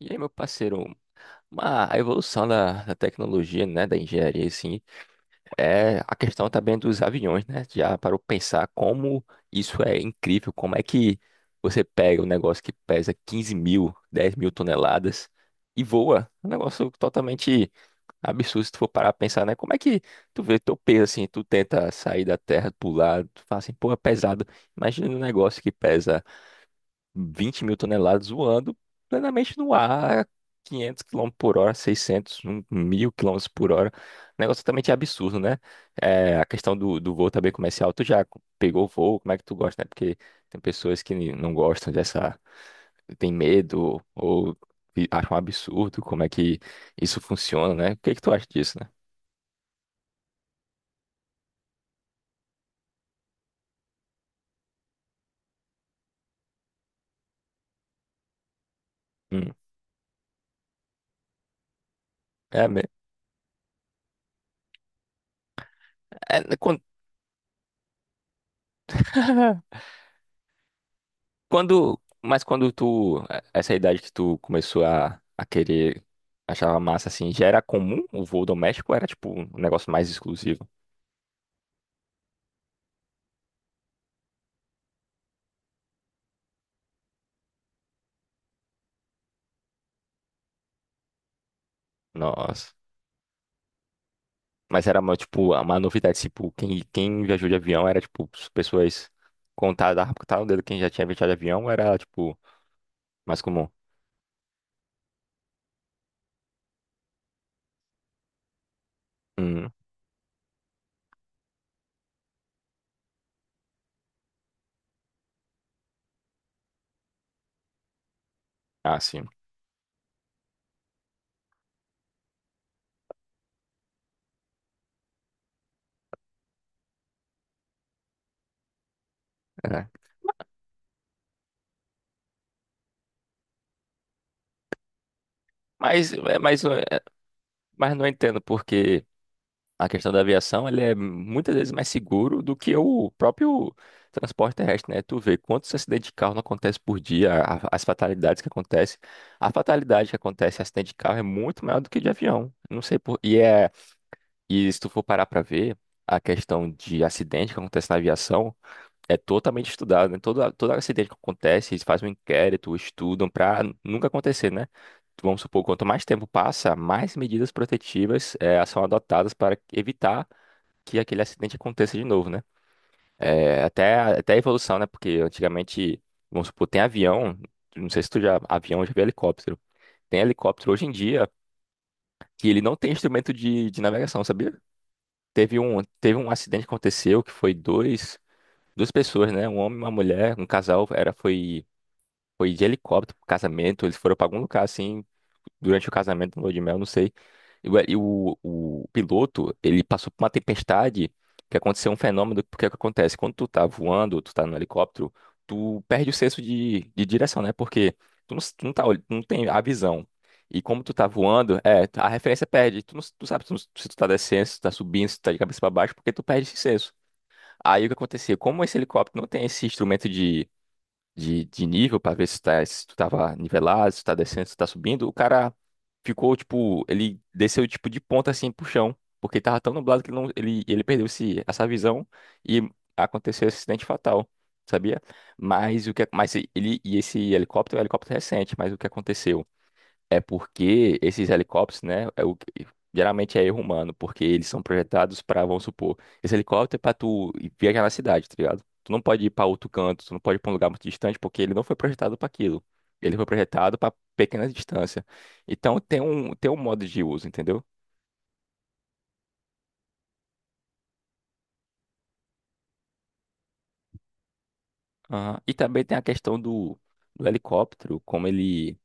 E aí, meu parceiro, a evolução da tecnologia, né, da engenharia, assim, é a questão também dos aviões, né? Já parou pra pensar como isso é incrível, como é que você pega um negócio que pesa 15 mil, 10 mil toneladas e voa. Um negócio totalmente absurdo se tu for parar pra pensar, né? Como é que tu vê teu peso, assim, tu tenta sair da terra, pular, tu fala assim, pô, é pesado. Imagina um negócio que pesa 20 mil toneladas voando plenamente no ar, 500 km por hora, 600 um mil quilômetros por hora. Negócio totalmente absurdo, né? É, a questão do voo também comercial, tu já pegou o voo, como é que tu gosta, né? Porque tem pessoas que não gostam dessa, tem medo ou e acham um absurdo como é que isso funciona, né? O que que tu acha disso, né? Hum. É, é, quando... Mas quando tu, é, essa idade que tu começou a querer, achava massa assim, já era comum o voo doméstico? Ou era tipo um negócio mais exclusivo? Nossa. Mas era uma, tipo, uma novidade, tipo, quem viajou de avião era tipo as pessoas contadas, ah, contavam o dedo quem já tinha viajado de avião, ou era tipo mais comum. Hum, ah, sim. É. Mas, é, mas, é, mas não entendo porque a questão da aviação, ele é muitas vezes mais seguro do que o próprio transporte terrestre, né? Tu vê quantos acidentes de carro não acontece por dia, as fatalidades que acontecem. A fatalidade que acontece em acidente de carro é muito maior do que de avião. Não sei por... E é... E se tu for parar pra ver, a questão de acidente que acontece na aviação é totalmente estudada, né? Todo acidente que acontece, eles fazem um inquérito, estudam pra nunca acontecer, né? Vamos supor, quanto mais tempo passa, mais medidas protetivas são adotadas para evitar que aquele acidente aconteça de novo, né? É, até a evolução, né? Porque antigamente, vamos supor, tem avião, não sei se tu já, avião, já viu helicóptero. Tem helicóptero hoje em dia que ele não tem instrumento de navegação, sabia? Teve um acidente que aconteceu que foi dois, duas pessoas, né? Um homem e uma mulher, um casal, era, foi de helicóptero pro casamento. Eles foram pra algum lugar assim durante o casamento, no lua de mel, não sei. O piloto, ele passou por uma tempestade que aconteceu um fenômeno, porque é o que acontece? Quando tu tá voando, tu tá no helicóptero, tu perde o senso de direção, né? Porque tu não, s- tu não tá, olh- não tem a visão. E como tu tá voando, é, a referência perde. Tu não, s- tu sabe se tu tá descendo, se tu tá subindo, se tu tá de cabeça pra baixo, porque tu perde esse senso. Aí o que aconteceu? Como esse helicóptero não tem esse instrumento de nível para ver se, tá, se tu tava nivelado, se tu tá descendo, se tu tá subindo, o cara ficou, tipo, ele desceu, tipo, de ponta, assim, pro chão, porque tava tão nublado que ele, não, ele perdeu esse, essa visão e aconteceu esse acidente fatal, sabia? Mas o que, mas ele, e esse helicóptero é um helicóptero recente, mas o que aconteceu? É porque esses helicópteros, né, geralmente é erro humano, porque eles são projetados para, vamos supor, esse helicóptero é para tu ir viajar na cidade, tá ligado? Tu não pode ir para outro canto, tu não pode ir para um lugar muito distante, porque ele não foi projetado para aquilo. Ele foi projetado para pequena distância. Então tem um modo de uso, entendeu? Aham. E também tem a questão do helicóptero, como ele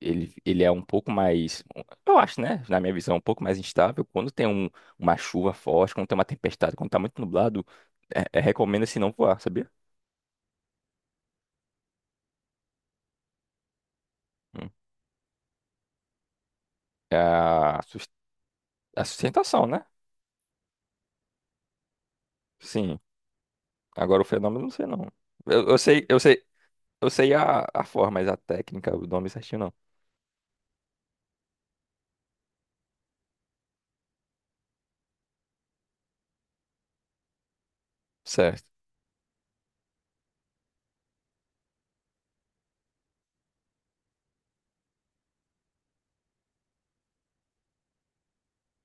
ele, ele é um pouco mais, eu acho, né, na minha visão, um pouco mais instável. Quando tem uma chuva forte, quando tem uma tempestade, quando tá muito nublado, recomenda-se não voar, sabia? Hum. É a sustentação, né? Sim. Agora o fenômeno, eu não sei não. Eu sei, eu sei a forma, mas a técnica, o nome certinho não. Certo.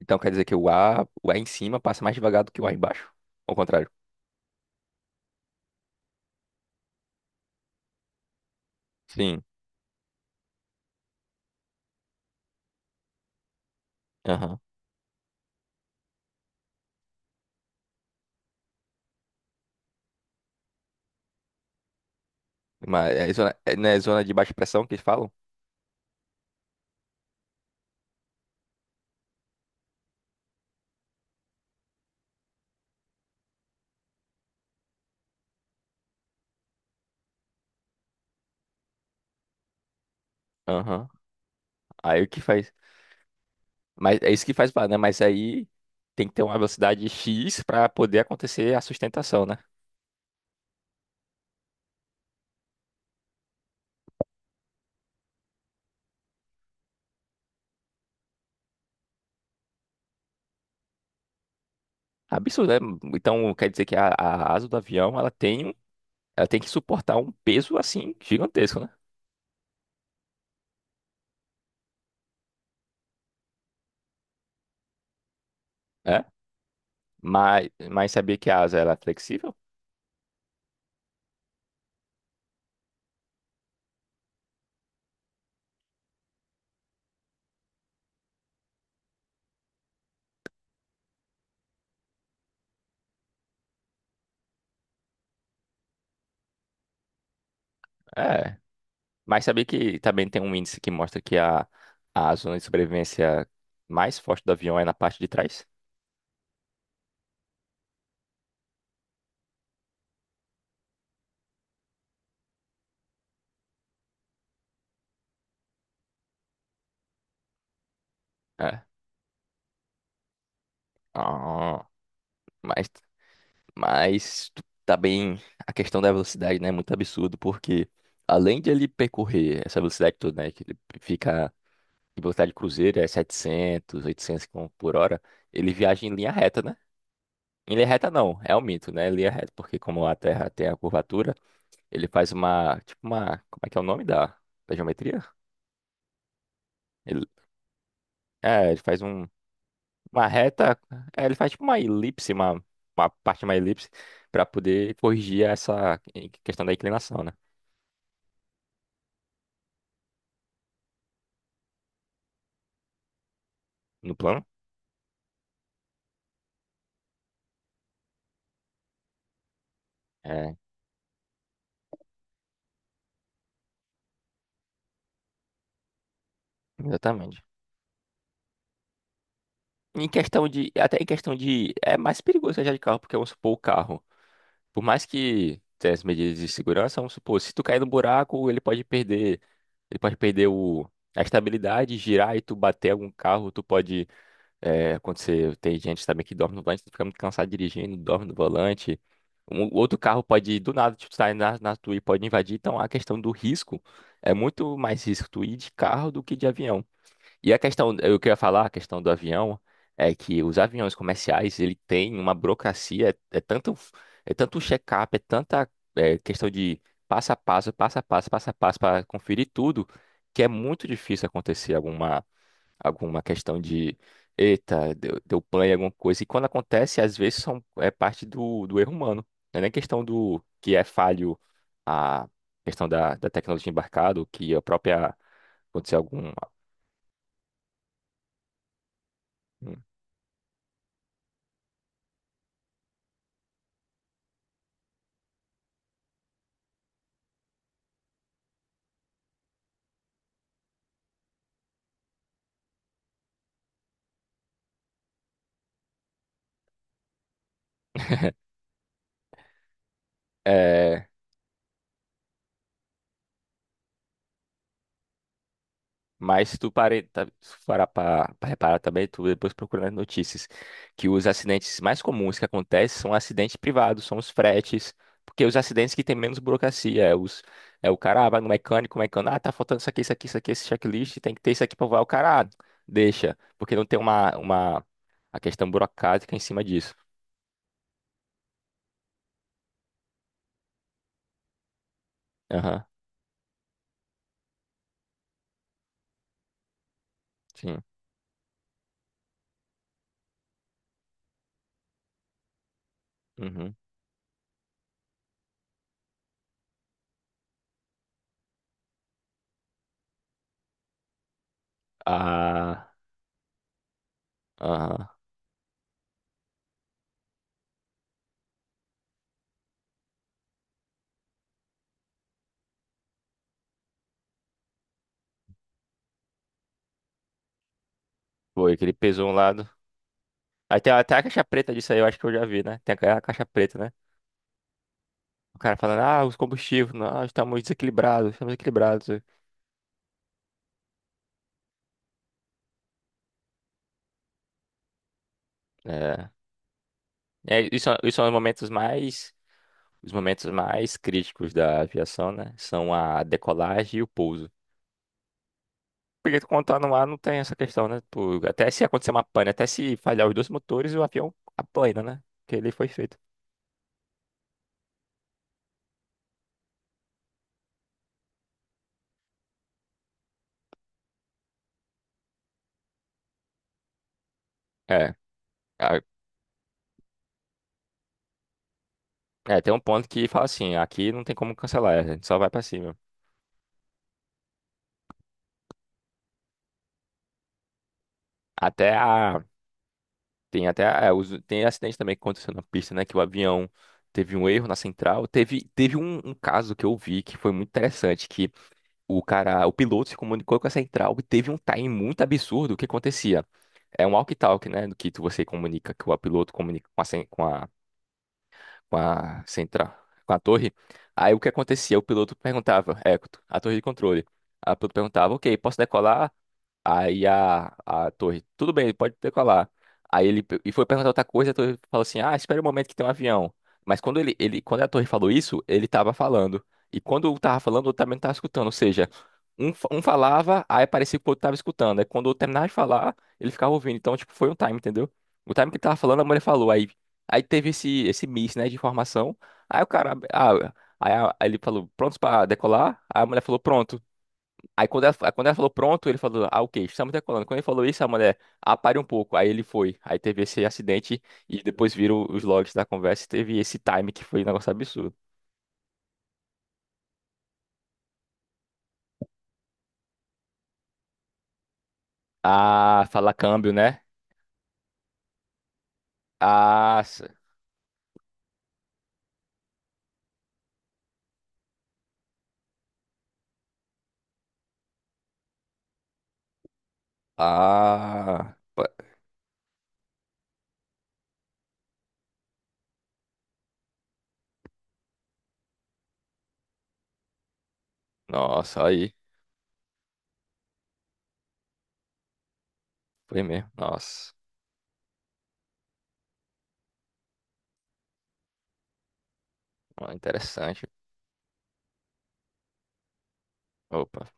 Então quer dizer que o ar em cima passa mais devagar do que o ar embaixo? Ao contrário. Sim. Aham. Mas é zona, é, né, zona de baixa pressão que eles falam? Aham. Aí o que faz. Mas é isso que faz, né? Mas aí tem que ter uma velocidade X para poder acontecer a sustentação, né? Absurdo, né? Então quer dizer que a asa do avião ela tem que suportar um peso assim gigantesco, né? É. Mas sabia que a asa ela é flexível? É. Mas sabia que também tem um índice que mostra que a zona de sobrevivência mais forte do avião é na parte de trás? É. Ah, mas tá bem a questão da velocidade, né? É muito absurdo, porque além de ele percorrer essa velocidade toda, né? Que ele fica em velocidade cruzeiro, é 700, 800 km por hora, ele viaja em linha reta, né? Em linha reta não, é um mito, né? Linha reta, porque como a Terra tem a curvatura, ele faz uma, tipo uma, como é que é o nome da geometria? Ele, ele faz uma reta, ele faz tipo uma elipse, uma parte de uma elipse, para poder corrigir essa questão da inclinação, né? No plano. É, exatamente. Em questão de, até em questão de, é mais perigoso viajar de carro, porque vamos supor o carro, por mais que tenha as medidas de segurança, vamos supor, se tu cair no buraco, ele pode perder, ele pode perder o, a estabilidade, girar e tu bater algum carro, tu pode, acontecer, tem gente também que dorme no volante, tu fica muito cansado dirigindo, dorme no volante, um, outro carro pode, do nada, tipo, sair na tua e pode invadir, então a questão do risco, é muito mais risco tu ir de carro do que de avião. E a questão, eu queria falar, a questão do avião, é que os aviões comerciais, ele tem uma burocracia, é tanto check-up, é tanta questão de passo a passo, passo a passo, passo a passo, para conferir tudo, que é muito difícil acontecer alguma questão de, eita, deu pane em alguma coisa. E quando acontece, às vezes são, é parte do erro humano. Não é nem questão do que é falho a questão da tecnologia embarcada, ou que a própria, aconteceu algum... algum- é, Mas se tu parar para reparar também, tu depois procura nas notícias que os acidentes mais comuns que acontecem são acidentes privados, são os fretes, porque os acidentes que tem menos burocracia, é, os, é o cara ah, vai no mecânico, o mecânico, ah, tá faltando isso aqui, isso aqui, isso aqui, esse checklist, tem que ter isso aqui para voar, o cara, ah, deixa, porque não tem uma, a questão burocrática em cima disso. Aham, sim. Uhum. Ah, aham. Foi, que ele pesou um lado. Aí tem até a caixa preta disso aí, eu acho que eu já vi, né? Tem a caixa preta, né? O cara falando, ah, os combustíveis, nós estamos desequilibrados, estamos equilibrados. É, isso são os momentos mais críticos da aviação, né? São a decolagem e o pouso. Porque quando tá no ar não tem essa questão, né? Tipo, até se acontecer uma pane, até se falhar os dois motores, o avião apanha, né? Porque ele foi feito. É, a- tem um ponto que fala assim, aqui não tem como cancelar, a gente só vai pra cima. Até a Tem até tem acidente também que aconteceu na pista, né? Que o avião teve um erro na central. Teve um caso que eu vi que foi muito interessante, que o piloto se comunicou com a central e teve um time muito absurdo o que acontecia. É um walkie-talkie, né? Do que você comunica, que o piloto comunica com a, com a central, com a torre. Aí o que acontecia? O piloto perguntava, a torre de controle. Aí o piloto perguntava, ok, posso decolar? Aí a torre, tudo bem, pode decolar. Aí ele foi perguntar outra coisa, a torre falou assim: "Ah, espera um momento que tem um avião". Mas quando ele, quando a torre falou isso, ele tava falando. E quando eu tava falando, o outro também tava escutando, ou seja, um, um falava, aí parecia que o outro tava escutando. Aí quando o terminava de falar, ele ficava ouvindo. Então, tipo, foi um time, entendeu? O time que ele tava falando, a mulher falou. Aí teve esse miss, né, de informação. Aí o cara, ah, aí, aí ele falou: "Prontos pra decolar?". Aí a mulher falou: "Pronto". Aí quando ela, falou pronto, ele falou, ah, ok, estamos decolando. Quando ele falou isso, a mulher, ah, pare um pouco. Aí ele foi. Aí teve esse acidente e depois viram os logs da conversa e teve esse time que foi um negócio absurdo. Ah, fala câmbio, né? Ah, s- ah, pa- Nossa, aí. Foi mesmo, nossa. Ah, interessante. Opa.